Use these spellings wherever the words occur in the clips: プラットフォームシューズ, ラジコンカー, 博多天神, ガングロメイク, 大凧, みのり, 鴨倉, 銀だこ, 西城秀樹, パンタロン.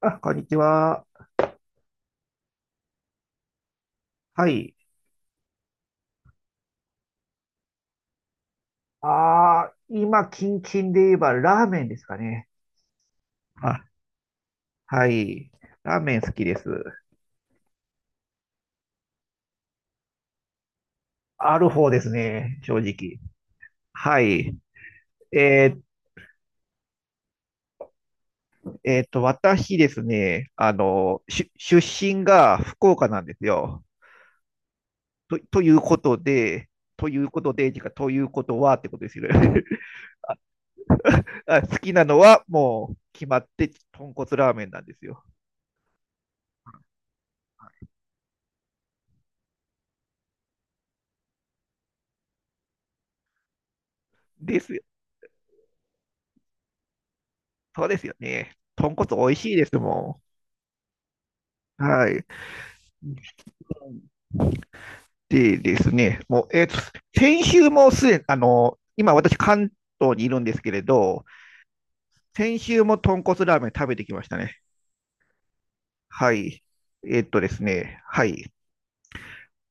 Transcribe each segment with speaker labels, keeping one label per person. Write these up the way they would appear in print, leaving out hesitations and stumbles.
Speaker 1: あ、こんにちは。はい。ああ、今、キンキンで言えばラーメンですかね。あ、はい。ラーメン好きです。ある方ですね。正直。はい。えー私ですね、あの、出身が福岡なんですよ。と、ということで、ということで、てかということはってことですよね。あ、好きなのはもう決まって豚骨ラーメンなんですよ。ですそうですよね。豚骨美味しいですもん。はい。でですね、もう、先週もすでに、あの、今私関東にいるんですけれど、先週も豚骨ラーメン食べてきましたね。はい。ですね、はい。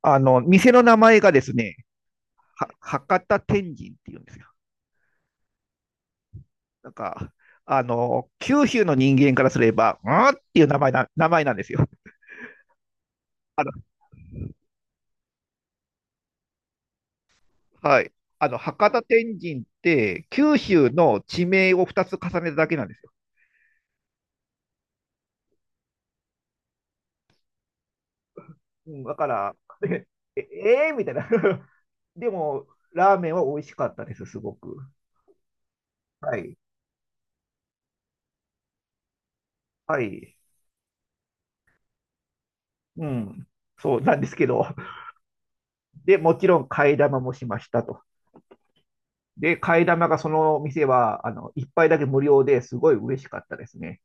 Speaker 1: あの、店の名前がですね、博多天神っていうんですよ。なんか、あの、九州の人間からすれば、うんっていう名前なんですよ。はい。あの、博多天神って、九州の地名を2つ重ねただけなんですよ。うん、だから、でえ、えー、みたいな。でも、ラーメンは美味しかったです、すごく。はい。はい。うん。そうなんですけど。で、もちろん替え玉もしましたと。で、替え玉がその店は、あの、一杯だけ無料ですごい嬉しかったですね。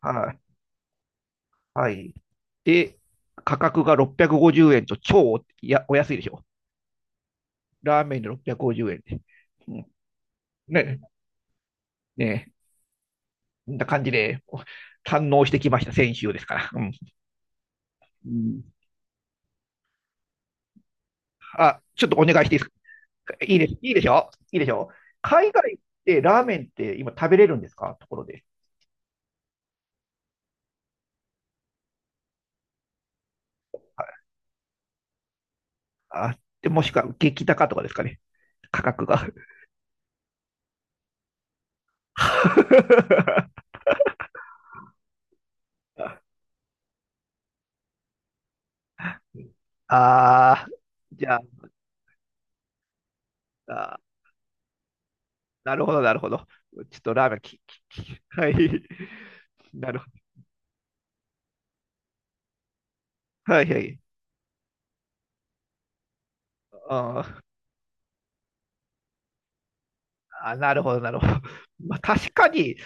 Speaker 1: はい。はい。で、価格が650円と超お、や、お安いでしょ？ラーメンで650円で。うね、ね、こんな感じで、堪能してきました、先週ですから。うん。うん。あ、ちょっとお願いしていいですか？いいです、いいでしょ？いいでしょ？海外ってラーメンって今食べれるんですか、ところで。あ、で、もしくは激高とかですかね？価格が。ああ、じゃあ、あー、なるほど、なるほど。ちょっとラーメンき、き、き、はい。なるほど。はい、はい。あーあ、なるほど、なるほど。まあ、確かに、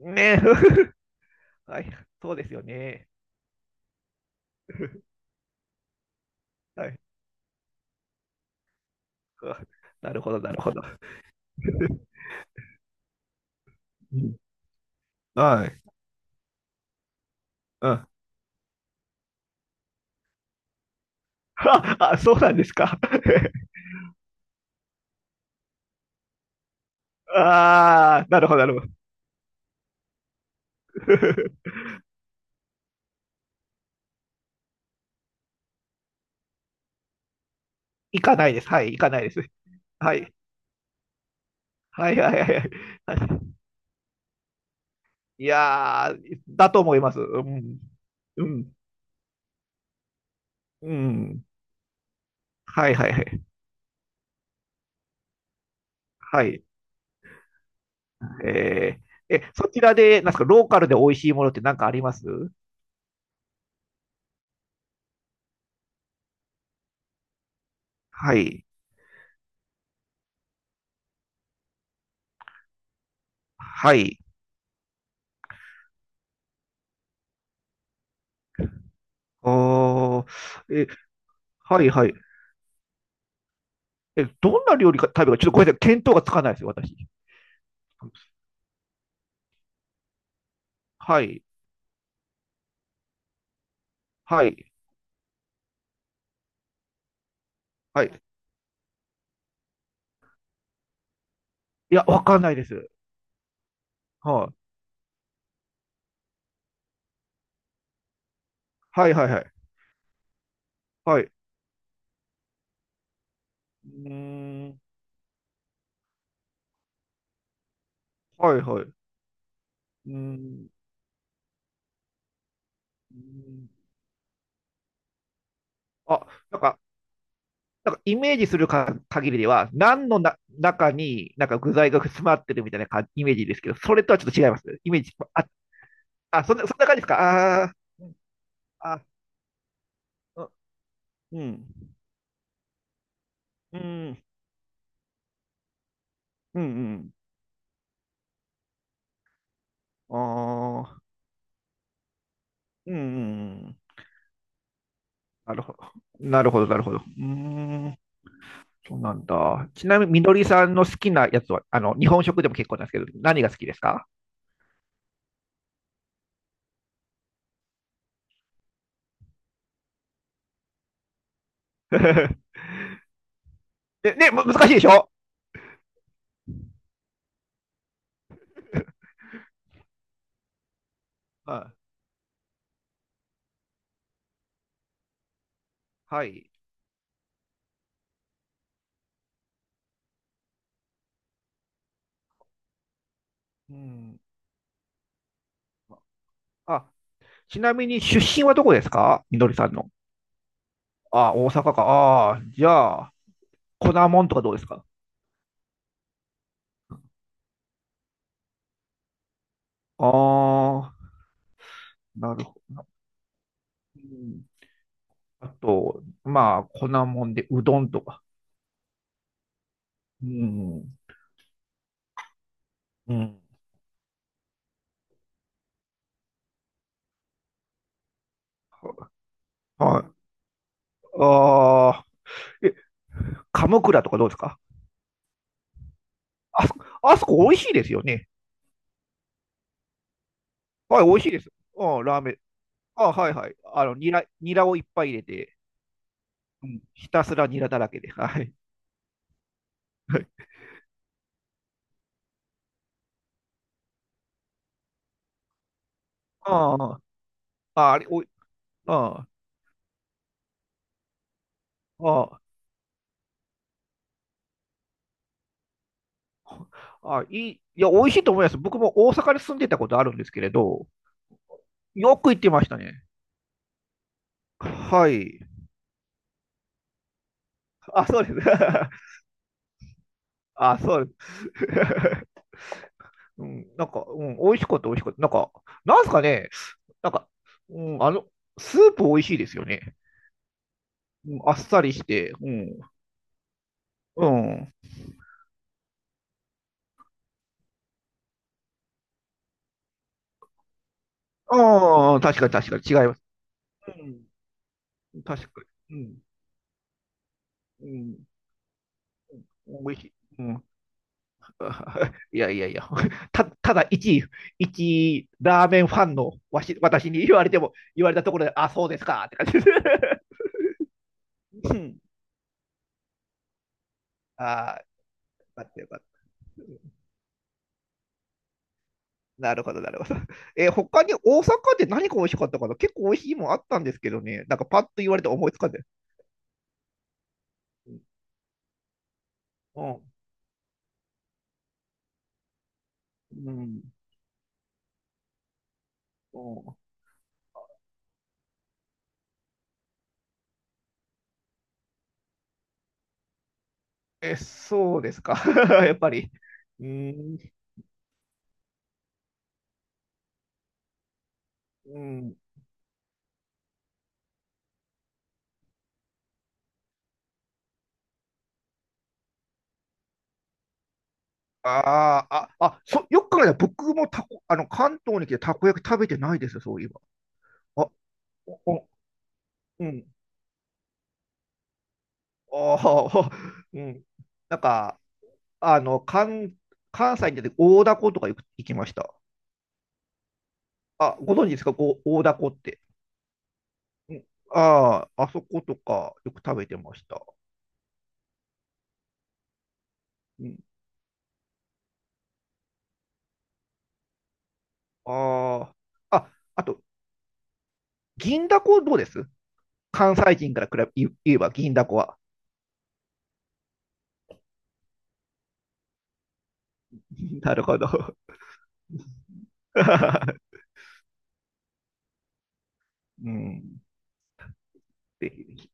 Speaker 1: ね、はい、そうですよね。はい。あ、なるほど、なるほど。うん。はい。うん。あ、あ、そうなんですか。ああ、なるほど、なるほど。行かないです。はい、行かないです。はい。はいはいはい。はい。いやー、だと思います。うん。うん。うん。はいはいはい。はい。えー、え、そちらで、なんですか、ローカルで美味しいものって何かあります？はい。はい。おー、え、はいはい。え、どんな料理か食べるか、ちょっとごめんなさい、見当がつかないですよ、私。はい、はい、はい。いや、わかんないです。はい、はい、はい、はい。はい。うーん、はい、はい。うーん。うーん。あ、なんか、イメージするか限りでは、何のな中になんか具材が詰まってるみたいなかイメージですけど、それとはちょっと違いますね。イメージ。あ、あ、そんな感じですか？ああー、うん。あ、うん、うん、うん、うん。うん。ああ、うん、うん、うん。なるほど。なるほど、なるほど。うーん、そうなんだ。ちなみに、みのりさんの好きなやつは、あの、日本食でも結構なんですけど、何が好きですか？ ね、ね、難しいでしょ？うん。はい。うん。あ、ちなみに、出身はどこですか、みのりさんの。あ、大阪か。ああ、じゃあ、粉もんとかどうですか？ああ、なるほど。うん。あと、まあ、粉もんで、うどんとか。うん。うん。はい。ああ、え、鴨倉とかどうですか？あそこ、あそこ美味しいですよね。はい、美味しいです。うん、ラーメン。あ、はいはい。あの、ニラをいっぱい入れて、うん、ひたすらニラだらけで。はい。はい。ああ、ああれ、おい、ああ、ああ、いや、美味しいと思います。僕も大阪に住んでたことあるんですけれど、よく行ってましたね。はい。あ、そうです。あ、そうです。うん、なんか、うん、美味しかった、美味しかった。なんか、なんすかね、なんか、うん、あの、スープ美味しいですよね。うん、あっさりして、うん、うん。ああ、確かに確かに違います。うん。確かに。うん。うん。美味しい。うん。あ、いやいやいや。ただ一ラーメンファンの私に言われても、言われたところで、あ、そうですかって感じです。うん。ああ、よかったよかった。なるほど、なるほど。えー、他に大阪で何が美味しかったかな？結構美味しいもんあったんですけどね。なんかパッと言われて思いつかんで。うん。うん。うん。え、そうですか？やっぱり。うーん。うん。あーあ、あ、そ、よく考えたら僕もたこ、あの、関東に来てたこ焼き食べてないですよ、そういえば。あ、お、お。うん。ああ、うん。なんか、あの、関西に出て大凧とかよく行きました。あ、ご存知ですか、こう、大凧って？うん。ああ、あそことかよく食べてました。うん。ああ、あ、あと、銀だこどうです？関西人から比べ、言えば銀だこは。なるほど。うん。ぜひ。